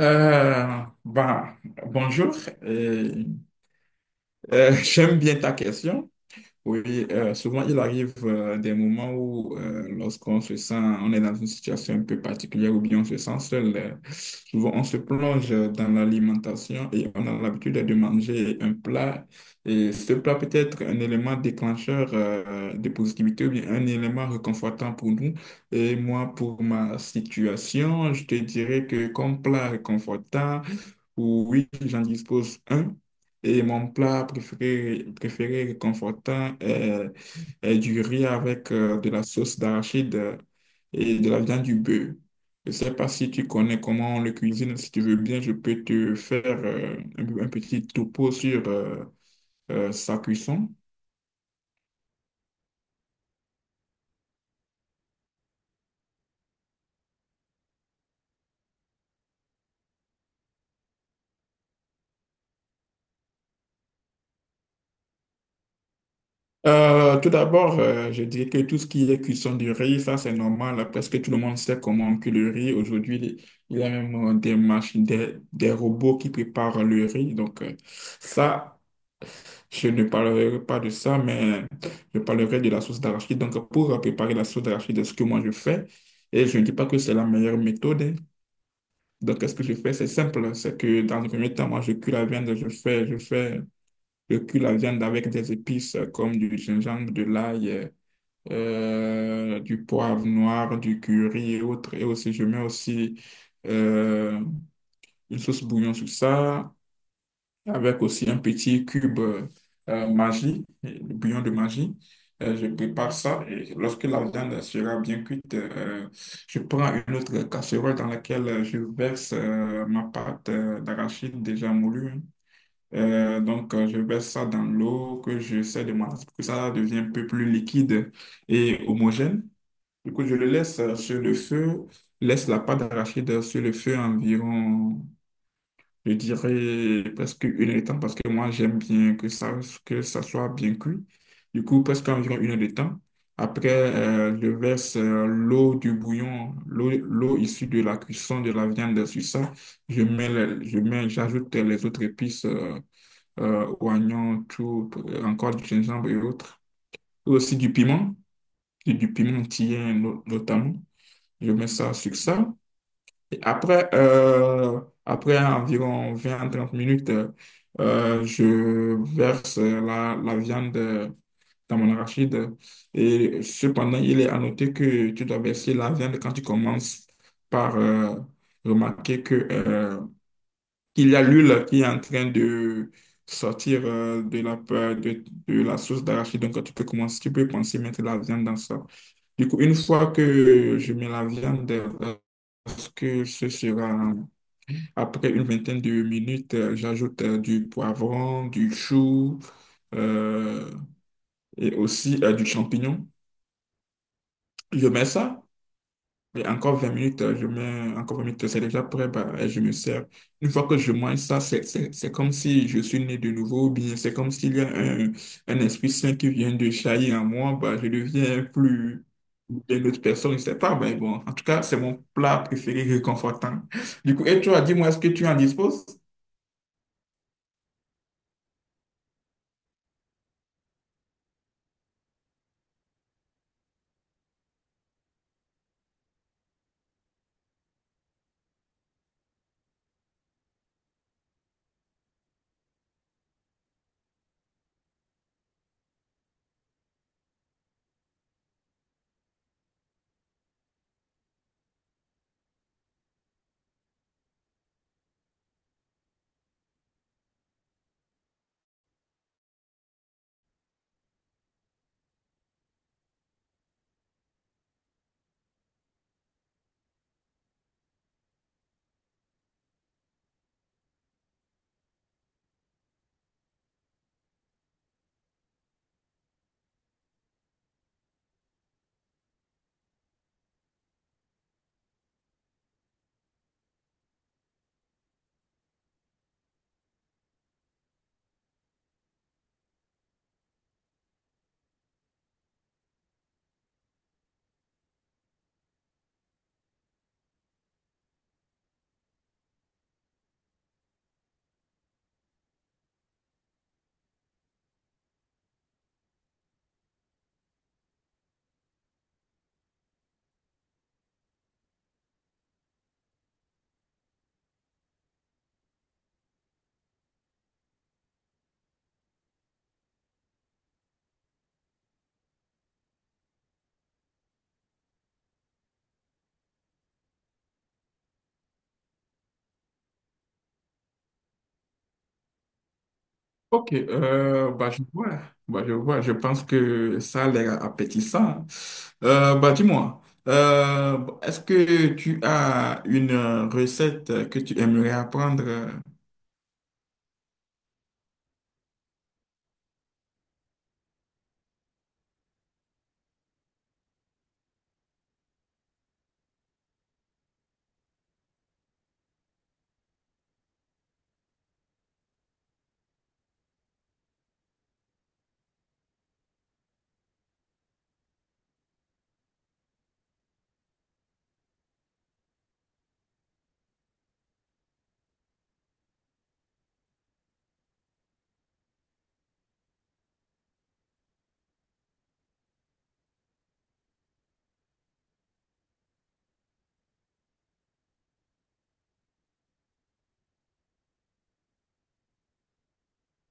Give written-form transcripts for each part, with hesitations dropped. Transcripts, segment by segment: Euh, bah, bonjour. Euh, J'aime bien ta question. Oui, souvent il arrive des moments où lorsqu'on se sent, on est dans une situation un peu particulière ou bien on se sent seul, souvent on se plonge dans l'alimentation et on a l'habitude de manger un plat. Et ce plat peut être un élément déclencheur de positivité ou bien un élément réconfortant pour nous. Et moi, pour ma situation, je te dirais que comme plat réconfortant, oui, j'en dispose un. Et mon plat préféré, préféré réconfortant est, est du riz avec de la sauce d'arachide et de la viande du bœuf. Je ne sais pas si tu connais comment on le cuisine. Si tu veux bien, je peux te faire un petit topo sur sa cuisson. Tout d'abord, je dirais que tout ce qui est cuisson du riz, ça c'est normal. Presque tout le monde sait comment on cuit le riz. Aujourd'hui, il y a même des machines, des robots qui préparent le riz. Ça, je ne parlerai pas de ça, mais je parlerai de la sauce d'arachide. Donc, pour préparer la sauce d'arachide, c'est ce que moi je fais, et je ne dis pas que c'est la meilleure méthode, hein. Donc, qu'est-ce que je fais? C'est simple. C'est que dans le premier temps, moi, je cuis la viande, je cuis la viande avec des épices comme du gingembre, de l'ail, du poivre noir, du curry et autres. Et aussi, je mets aussi euh, une sauce bouillon sur ça, avec aussi un petit cube magie, le bouillon de magie. Je prépare ça et lorsque la viande sera bien cuite, je prends une autre casserole dans laquelle je verse ma pâte d'arachide déjà moulue, hein. Je verse ça dans l'eau que j'essaie de malaxer pour que ça devienne un peu plus liquide et homogène. Du coup, je le laisse sur le feu, laisse la pâte d'arachide sur le feu environ, je dirais, presque une heure de temps, parce que moi, j'aime bien que ça soit bien cuit. Du coup, presque environ une heure de temps. Après, je verse l'eau du bouillon, l'eau issue de la cuisson de la viande sur ça. Je mets, le- je mets, j'ajoute les autres épices, oignons, tout, encore du gingembre et autres. Et aussi du piment, et du piment tien no- notamment. Je mets ça sur ça. Et après, après environ 20 trente minutes, je verse la viande dans mon arachide. Et cependant, il est à noter que tu dois verser la viande quand tu commences par remarquer que, qu'il y a l'huile qui est en train de sortir de la, de la sauce d'arachide. Donc, tu peux commencer, tu peux penser mettre la viande dans ça. Du coup, une fois que je mets la viande pense que ce sera après une vingtaine de minutes, j'ajoute du poivron, du chou euh, et aussi du champignon. Je mets ça et encore 20 minutes, je mets encore vingt minutes, c'est déjà prêt, bah, et je me sers. Une fois que je mange ça, c'est comme si je suis né de nouveau, ou bien c'est comme s'il y a un esprit saint qui vient de jaillir en moi, bah, je deviens plus. Une autre personne, je sais pas, mais bon, en tout cas, c'est mon plat préféré réconfortant. Du coup, et toi, dis-moi, est-ce que tu en disposes? Ok, bah, je vois, je pense que ça a l'air appétissant. Bah, dis-moi, est-ce que tu as une recette que tu aimerais apprendre?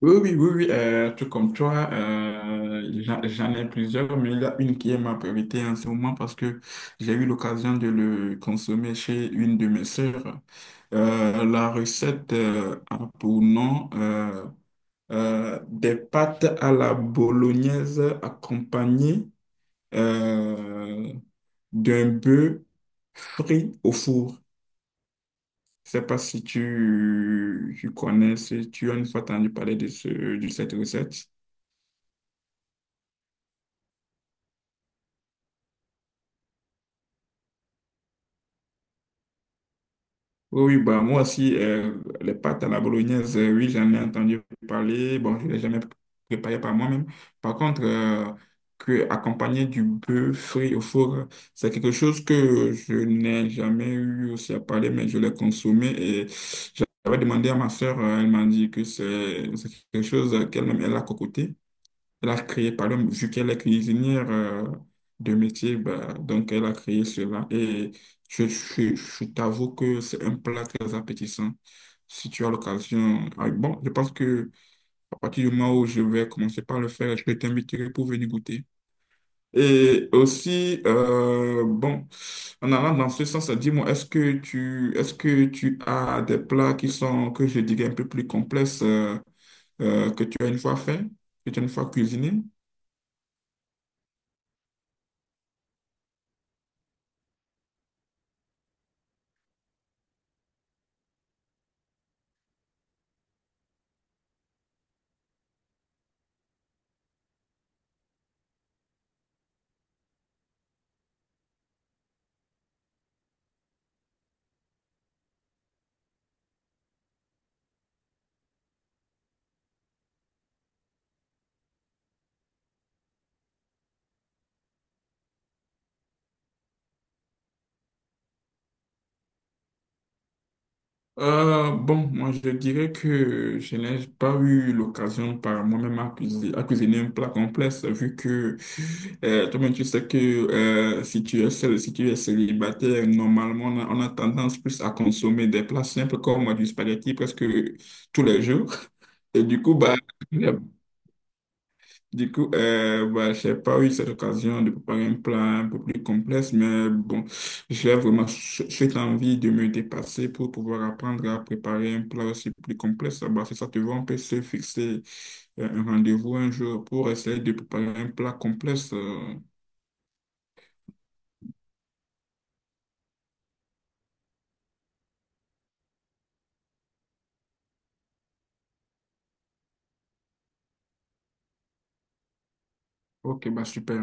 Oui, oui, tout comme toi, j'en ai plusieurs, mais il y a une qui est ma priorité en ce moment parce que j'ai eu l'occasion de le consommer chez une de mes sœurs. La recette a pour nom des pâtes à la bolognaise accompagnées euh, d'un bœuf frit au four. Je sais pas si tu connais, si tu as une fois entendu parler de cette recette. Oui, oui, bah, moi aussi, les pâtes à la bolognaise, oui, j'en ai entendu parler. Bon, je ne l'ai jamais préparé par moi-même. Par contre, que accompagner du bœuf frit au four, c'est quelque chose que je n'ai jamais eu aussi à parler, mais je l'ai consommé et j'avais demandé à ma soeur, elle m'a dit que c'est quelque chose qu'elle-même, elle a cocoté. Elle a créé, par exemple, vu qu'elle est cuisinière de métier, bah, donc elle a créé cela. Et je t'avoue que c'est un plat très appétissant. Si tu as l'occasion, ah, bon, je pense que à partir du moment où je vais commencer par le faire, je vais t'inviter pour venir goûter. Et aussi, bon, en allant dans ce sens, dis-moi, est-ce que est-ce que tu as des plats qui sont, que je dirais, un peu plus complexes, que tu as une fois fait, que tu as une fois cuisiné? Bon, moi je dirais que je n'ai pas eu l'occasion par moi-même à cuisiner un plat complexe, vu que toi-même tu sais que si tu es seul, si tu es célibataire, normalement on a tendance plus à consommer des plats simples comme du spaghetti presque tous les jours. Et du coup, bah, du coup, bah, j'ai pas eu cette occasion de préparer un plat un peu plus complexe, mais bon, j'ai vraiment cette envie de me dépasser pour pouvoir apprendre à préparer un plat aussi plus complexe. Bah, si ça te va, on peut se fixer un rendez-vous un jour pour essayer de préparer un plat complexe. Ok, bah super.